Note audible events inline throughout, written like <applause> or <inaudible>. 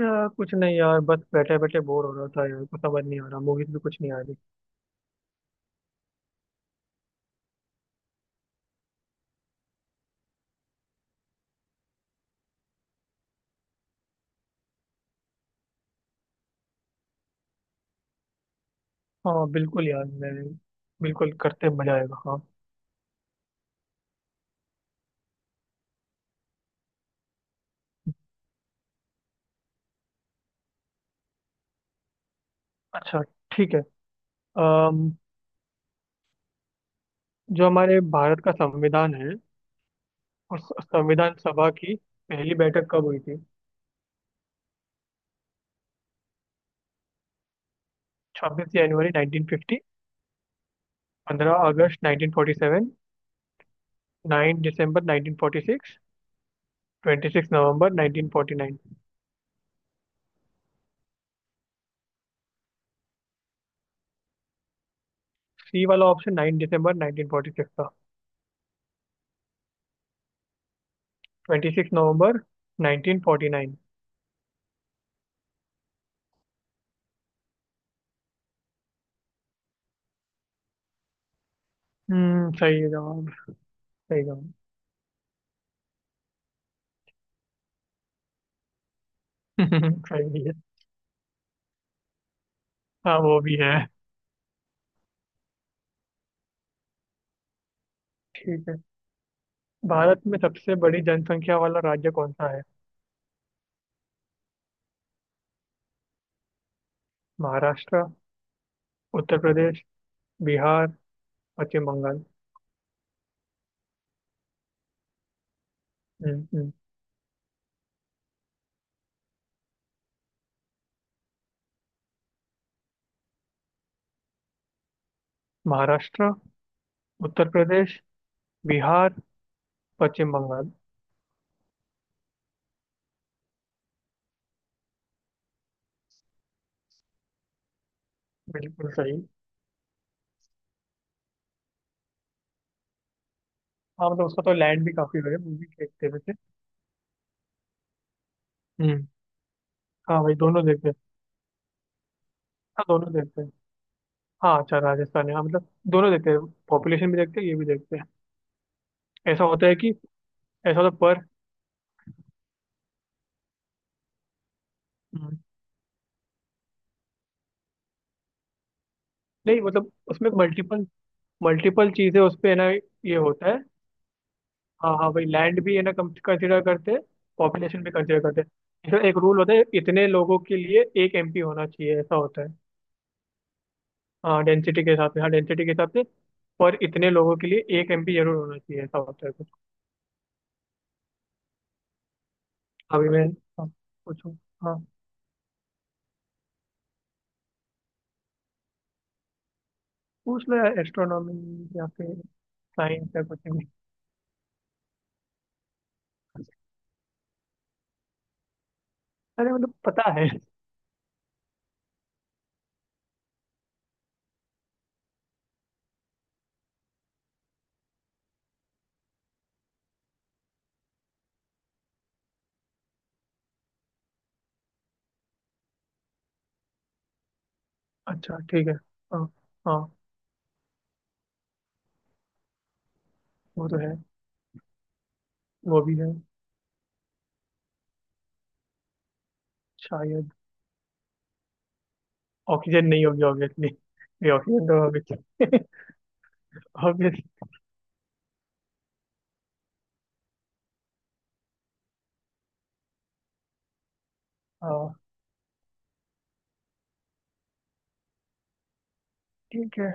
यार कुछ नहीं यार। बस बैठे बैठे बोर हो रहा था यार। कुछ समझ नहीं आ रहा, मूवीज भी कुछ नहीं आ रही। हाँ बिल्कुल यार मैं बिल्कुल करते मजा आएगा। हाँ। अच्छा ठीक है। अम, जो हमारे भारत का संविधान है, उस संविधान सभा की पहली बैठक कब हुई थी? 26 जनवरी 1950। 15 अगस्त 1947। 9 दिसंबर 1946। 26 नवंबर 1949। सी वाला ऑप्शन 9 दिसंबर 1946 था। 26 नवंबर 1949। हम्म, सही है जवाब। सही कहूँ? <laughs> सही भी है। हाँ वो भी है। ठीक है। भारत में सबसे बड़ी जनसंख्या वाला राज्य कौन सा है? महाराष्ट्र। उत्तर प्रदेश। बिहार। पश्चिम बंगाल। हम्म हम्म। महाराष्ट्र। उत्तर प्रदेश। बिहार। पश्चिम बंगाल। बिल्कुल सही। हाँ मतलब उसका तो लैंड भी काफी बड़ा है, वो भी देखते हैं वैसे। हम्म। हाँ भाई दोनों देखते हैं। हाँ दोनों देखते हैं। हाँ अच्छा राजस्थान है, हाँ मतलब दोनों देखते हैं। पॉपुलेशन भी देखते हैं, ये भी देखते हैं। ऐसा होता है कि ऐसा होता है पर हम्म, नहीं मतलब उसमें मल्टीपल मल्टीपल चीजें उस पे है ना। ये होता है। हाँ हाँ भाई लैंड भी है ना, कम कंसिडर करते हैं। पॉपुलेशन भी कंसिडर करते हैं। इसमें एक रूल होता है, इतने लोगों के लिए एक एमपी होना चाहिए, ऐसा होता है। हाँ डेंसिटी के हिसाब से, हाँ डेंसिटी के हिसाब से। और इतने लोगों के लिए एक एमपी जरूर होना चाहिए, ऐसा होता है कुछ। अभी मैं हाँ, पूछूं। हाँ। पूछ लो यार, एस्ट्रोनॉमी या फिर साइंस या कुछ भी। अरे मतलब पता है। अच्छा ठीक है। हाँ। हाँ। वो तो है। वो भी है। शायद। ऑक्सीजन नहीं होगी ऑब्वियसली। ये ऑक्सीजन तो होगी। ऑब्वियस। ठीक है।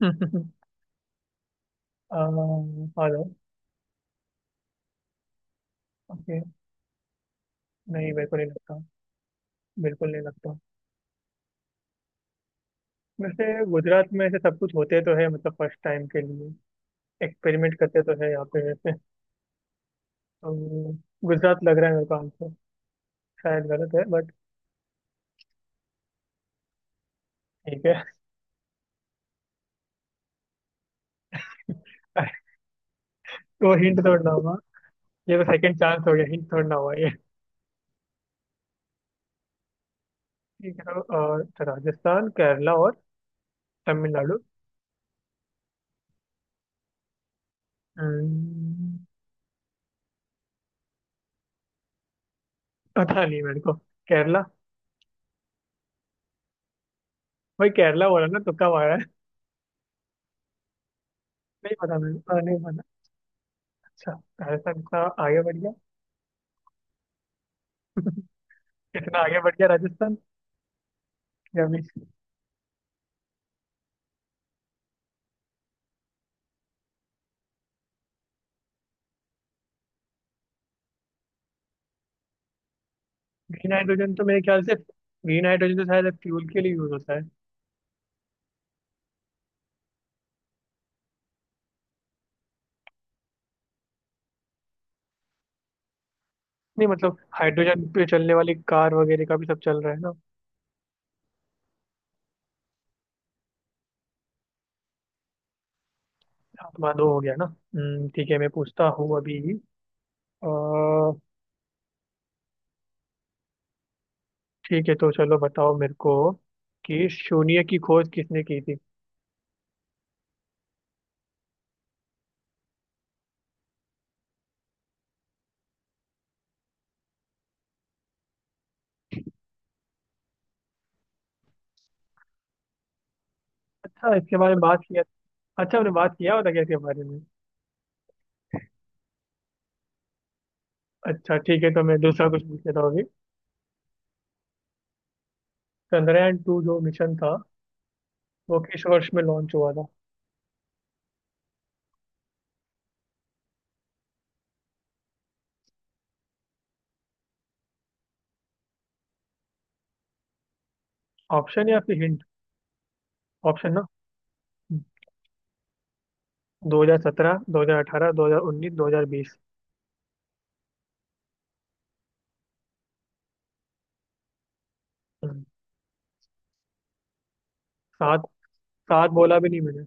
<laughs> हेलो। ओके। नहीं मेरे को नहीं लगता। बिल्कुल नहीं लगता। वैसे गुजरात में ऐसे सब कुछ होते तो है मतलब फर्स्ट टाइम के लिए एक्सपेरिमेंट करते तो है यहाँ पे वैसे, तो गुजरात लग रहा है मेरे को आंसर। शायद गलत है बट ठीक है। <laughs> तो हिंट छोड़ना होगा। ये तो सेकंड चांस हो गया, हिंट छोड़ना हुआ ये। ठीक है तो राजस्थान केरला और तमिलनाडु। हम्म, पता नहीं मेरे को। केरला। भाई केरला बोला ना, तुक्का मारा है। नहीं पता मेरे को, हाँ, नहीं पता। अच्छा राजस्थान का आगे बढ़ गया। <laughs> इतना आगे बढ़ गया राजस्थान कि अभी ग्रीन हाइड्रोजन तो मेरे ख्याल से, ग्रीन हाइड्रोजन तो शायद फ्यूल के लिए यूज होता है। नहीं मतलब हाइड्रोजन पे चलने वाली कार वगैरह का भी सब चल रहा है ना। हाँ, तुम्हारा दो हो गया ना। ठीक है मैं पूछता हूँ अभी। अ, ठीक है तो चलो बताओ मेरे को कि शून्य की खोज किसने की थी। अच्छा इसके बारे में बात किया? अच्छा हमने बात किया होता क्या इसके बारे में। अच्छा ठीक है तो मैं दूसरा कुछ पूछ लेता हूँ अभी। चंद्रयान टू जो मिशन था, वो किस वर्ष में लॉन्च हुआ था? ऑप्शन या फिर हिंट? ऑप्शन ना। 2017, 2018, 2019, 2020। सात? सात बोला भी नहीं मैंने।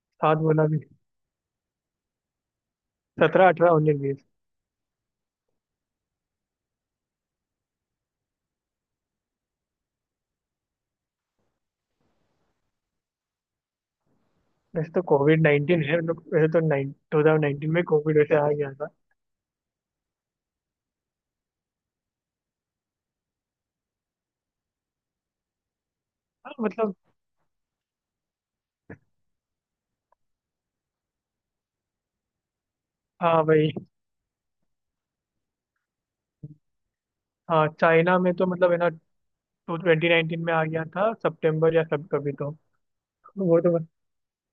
सात बोला भी नहीं। सत्रह अठारह उन्नीस बीस। वैसे तो कोविड-19 है, मतलब वैसे तो नाइन टू हजार नाइन्टीन में कोविड वैसे आ गया था। हाँ, मतलब हाँ भाई। हाँ चाइना में तो मतलब है ना, 2019 में आ गया था सितंबर या सब कभी तो वो तो बस-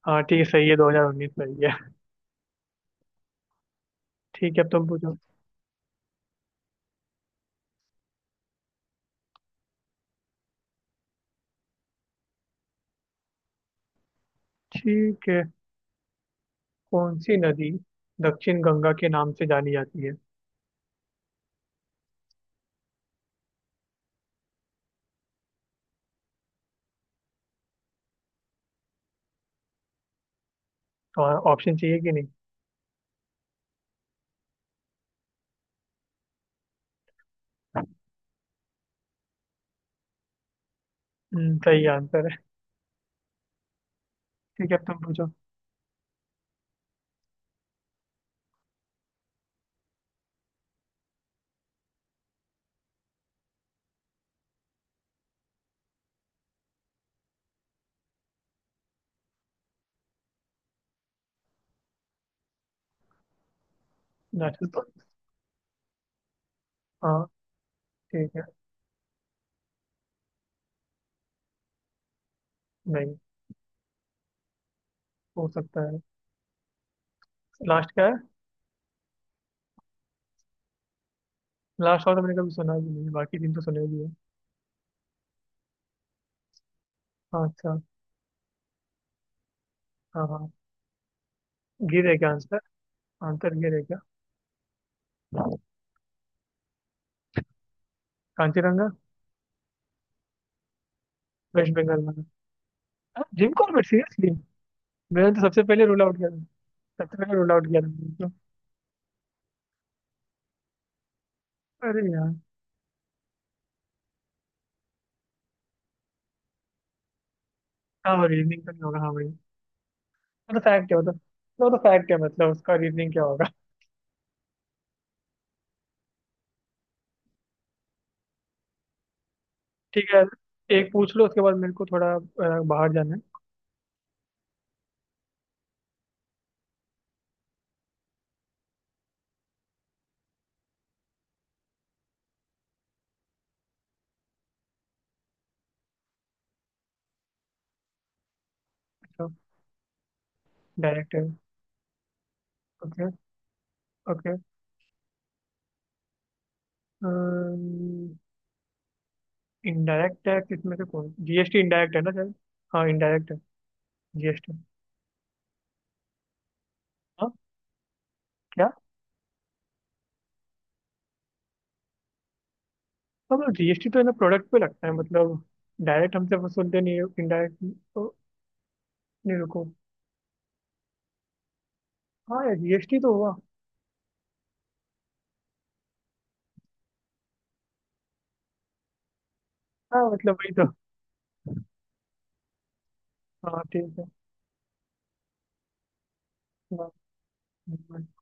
हाँ ठीक है सही है, 2019 सही है। ठीक है अब तुम पूछो। ठीक है। कौन सी नदी दक्षिण गंगा के नाम से जानी जाती है? तो ऑप्शन चाहिए कि नहीं? सही आंसर है। ठीक है अब तुम पूछो। National park. हाँ। ठीक है। नहीं। हो सकता है। लास्ट क्या है? लास्ट और तो मैंने कभी सुना भी नहीं, बाकी दिन तो सुने भी है। हाँ अच्छा। हाँ हाँ। गिर है क्या आंसर? आंसर गिर है क्या? कांचीरंगा। वेस्ट बंगाल में। हाँ, जिम कॉर्बेट सीरियसली? मैंने तो सबसे पहले रूल आउट किया था। सबसे पहले रूल आउट किया था मैंने तो। अरे यार। हाँ रीजनिंग तो नहीं होगा हाँ भाई। तो फैक्ट है मतलब। वो तो फैक्ट है मतलब, उसका रीजनिंग क्या होगा। ठीक है। एक पूछ लो उसके बाद मेरे को थोड़ा बाहर जाना है। तो डायरेक्ट है। ओके। ओके इनडायरेक्ट टैक्स इसमें से कौन, जीएसटी इनडायरेक्ट है ना सर? हाँ इनडायरेक्ट है। जीएसटी। हाँ। क्या? हाँ, मतलब जीएसटी तो है ना, प्रोडक्ट पे लगता है मतलब। डायरेक्ट हमसे वसूलते नहीं है, इनडायरेक्ट। तो नहीं रुको। हाँ यार जीएसटी तो हुआ। हाँ मतलब वही तो। हाँ ठीक है। हाँ,